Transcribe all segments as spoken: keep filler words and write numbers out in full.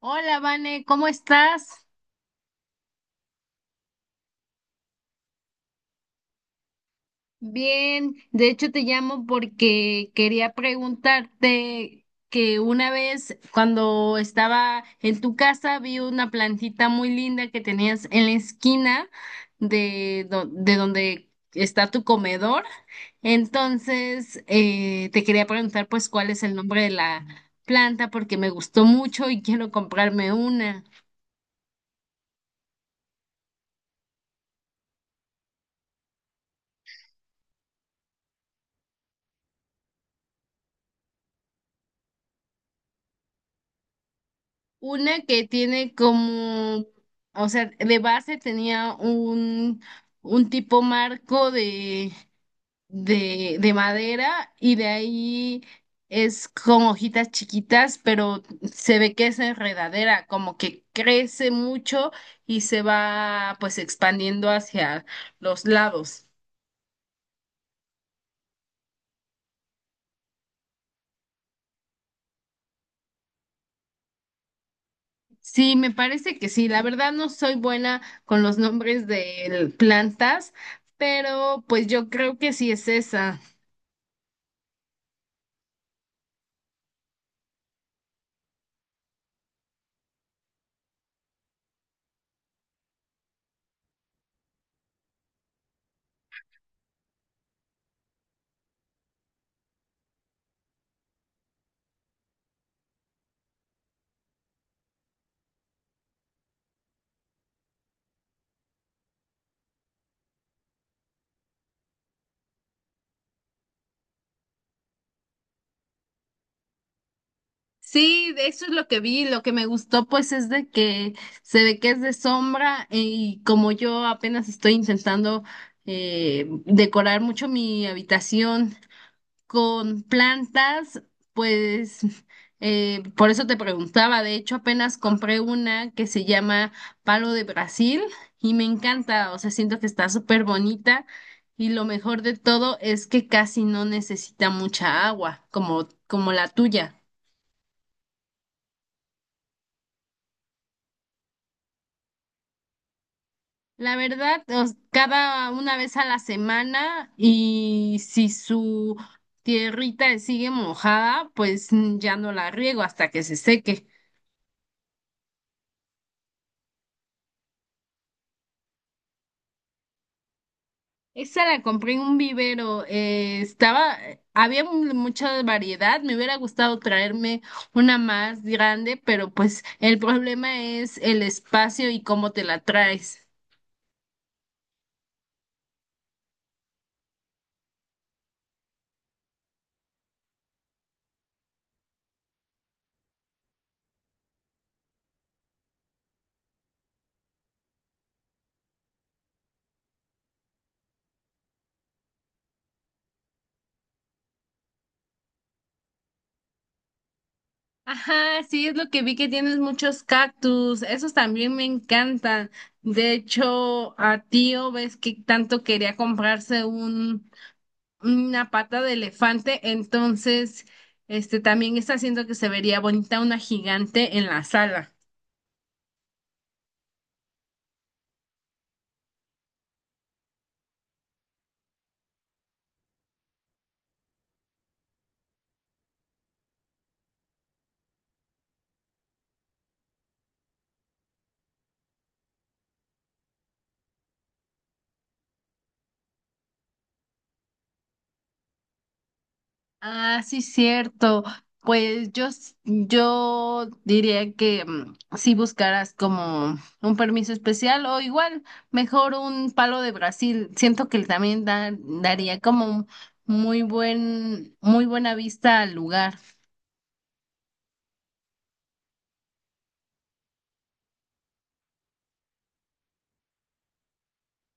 Hola, Vane, ¿cómo estás? Bien, de hecho te llamo porque quería preguntarte que una vez cuando estaba en tu casa vi una plantita muy linda que tenías en la esquina de, do- de donde está tu comedor. Entonces, eh, te quería preguntar pues cuál es el nombre de la planta porque me gustó mucho y quiero comprarme una. Una que tiene como, o sea, de base tenía un, un tipo marco de, de, de madera y de ahí es con hojitas chiquitas, pero se ve que es enredadera, como que crece mucho y se va pues expandiendo hacia los lados. Sí, me parece que sí. La verdad no soy buena con los nombres de plantas, pero pues yo creo que sí es esa. Sí, de eso es lo que vi, lo que me gustó pues es de que se ve que es de sombra y como yo apenas estoy intentando eh, decorar mucho mi habitación con plantas, pues eh, por eso te preguntaba. De hecho apenas compré una que se llama Palo de Brasil y me encanta, o sea, siento que está súper bonita y lo mejor de todo es que casi no necesita mucha agua como, como la tuya. La verdad, os- cada una vez a la semana, y si su tierrita sigue mojada, pues mm, ya no la riego hasta que se seque. Esa la compré en un vivero. Eh, estaba, eh, había mu- mucha variedad, me hubiera gustado traerme una más grande, pero pues el problema es el espacio y cómo te la traes. Ajá, sí, es lo que vi que tienes muchos cactus, esos también me encantan. De hecho, a tío ves que tanto quería comprarse un, una pata de elefante, entonces, este también está haciendo que se vería bonita una gigante en la sala. Ah, sí, cierto. Pues yo, s- yo diría que mm, si buscaras como un permiso especial o igual, mejor un palo de Brasil. Siento que también da- daría como un muy buen, muy buena vista al lugar.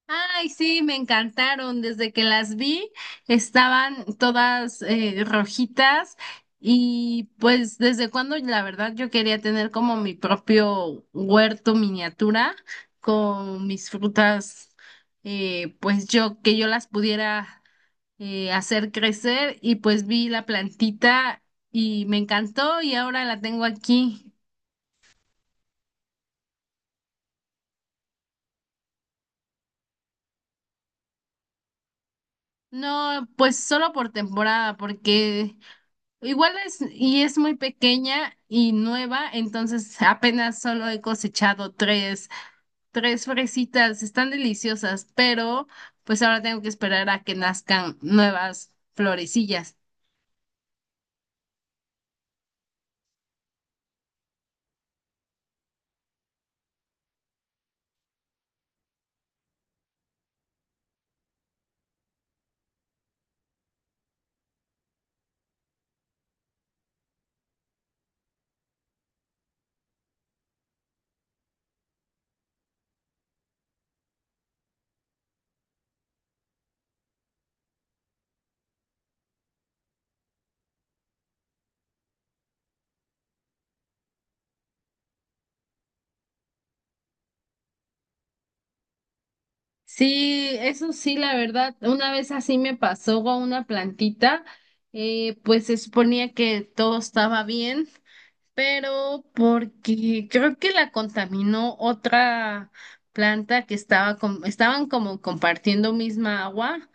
Ay, sí, me encantaron. Desde que las vi, estaban todas eh, rojitas, y pues desde cuando la verdad yo quería tener como mi propio huerto miniatura con mis frutas, eh, pues yo que yo las pudiera eh, hacer crecer, y pues vi la plantita y me encantó y ahora la tengo aquí. No, pues solo por temporada, porque igual es, y es muy pequeña y nueva, entonces apenas solo he cosechado tres, tres fresitas, están deliciosas, pero pues ahora tengo que esperar a que nazcan nuevas florecillas. Sí, eso sí, la verdad, una vez así me pasó con una plantita. Eh, pues se suponía que todo estaba bien, pero porque creo que la contaminó otra planta que estaba com- estaban como compartiendo misma agua,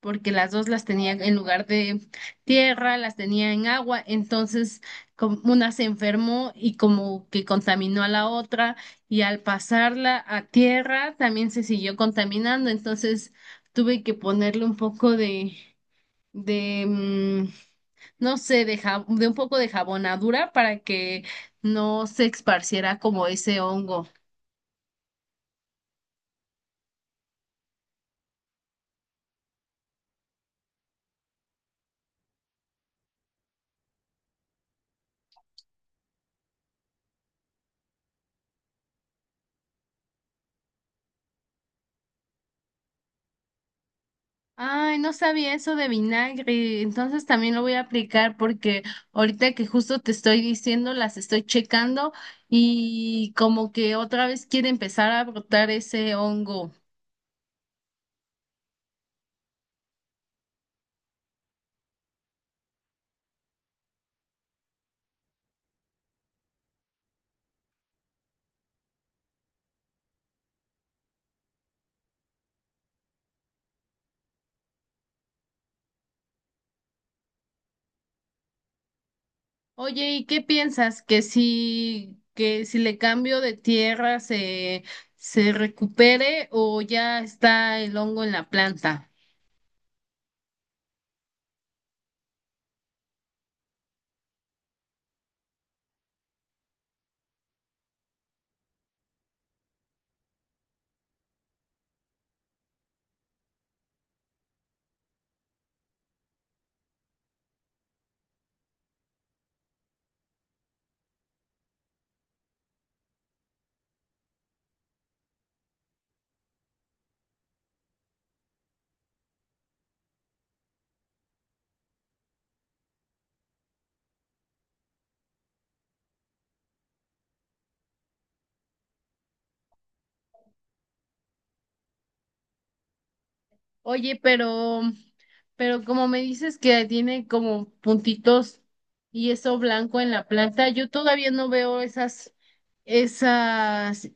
porque las dos las tenía en lugar de tierra, las tenía en agua. Entonces como una se enfermó y como que contaminó a la otra, y al pasarla a tierra también se siguió contaminando, entonces tuve que ponerle un poco de de mm, no sé, de, ja- de un poco de jabonadura para que no se esparciera como ese hongo. Ay, no sabía eso de vinagre, entonces también lo voy a aplicar porque ahorita que justo te estoy diciendo, las estoy checando y como que otra vez quiere empezar a brotar ese hongo. Oye, ¿y qué piensas? ¿Que si, que si le cambio de tierra se, se recupere, o ya está el hongo en la planta? Oye, pero, pero como me dices que tiene como puntitos y eso blanco en la planta, yo todavía no veo esas, esas,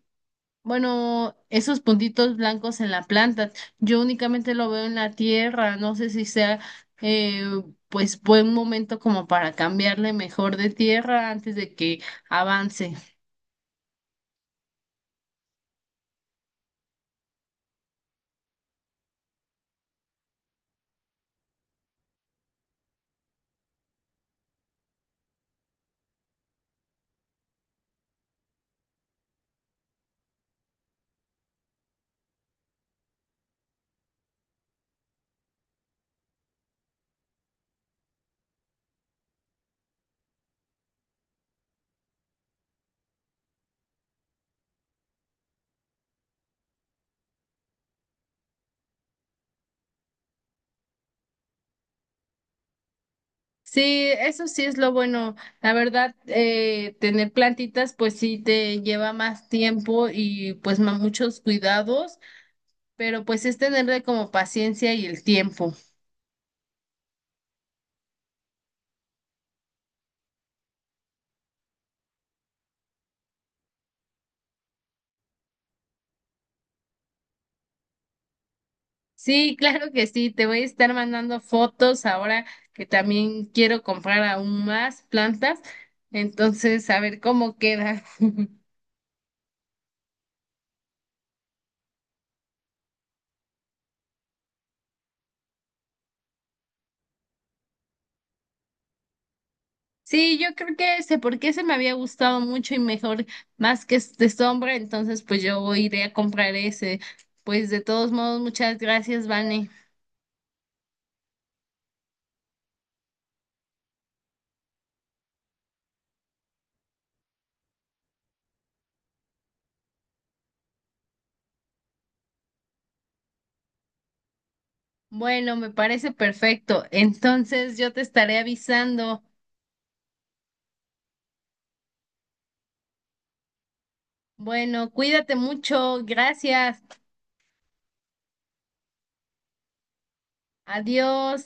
bueno, esos puntitos blancos en la planta. Yo únicamente lo veo en la tierra. No sé si sea, eh, pues, buen momento como para cambiarle mejor de tierra antes de que avance. Sí, eso sí es lo bueno. La verdad, eh, tener plantitas, pues sí te lleva más tiempo y pues ma- muchos cuidados, pero pues es tenerle como paciencia y el tiempo. Sí, claro que sí. Te voy a estar mandando fotos ahora que también quiero comprar aún más plantas. Entonces, a ver cómo queda. Sí, yo creo que sé por qué se me había gustado mucho y mejor más que este sombra, entonces pues yo iré a comprar ese. Pues de todos modos, muchas gracias, Vane. Bueno, me parece perfecto. Entonces yo te estaré avisando. Bueno, cuídate mucho. Gracias. Adiós.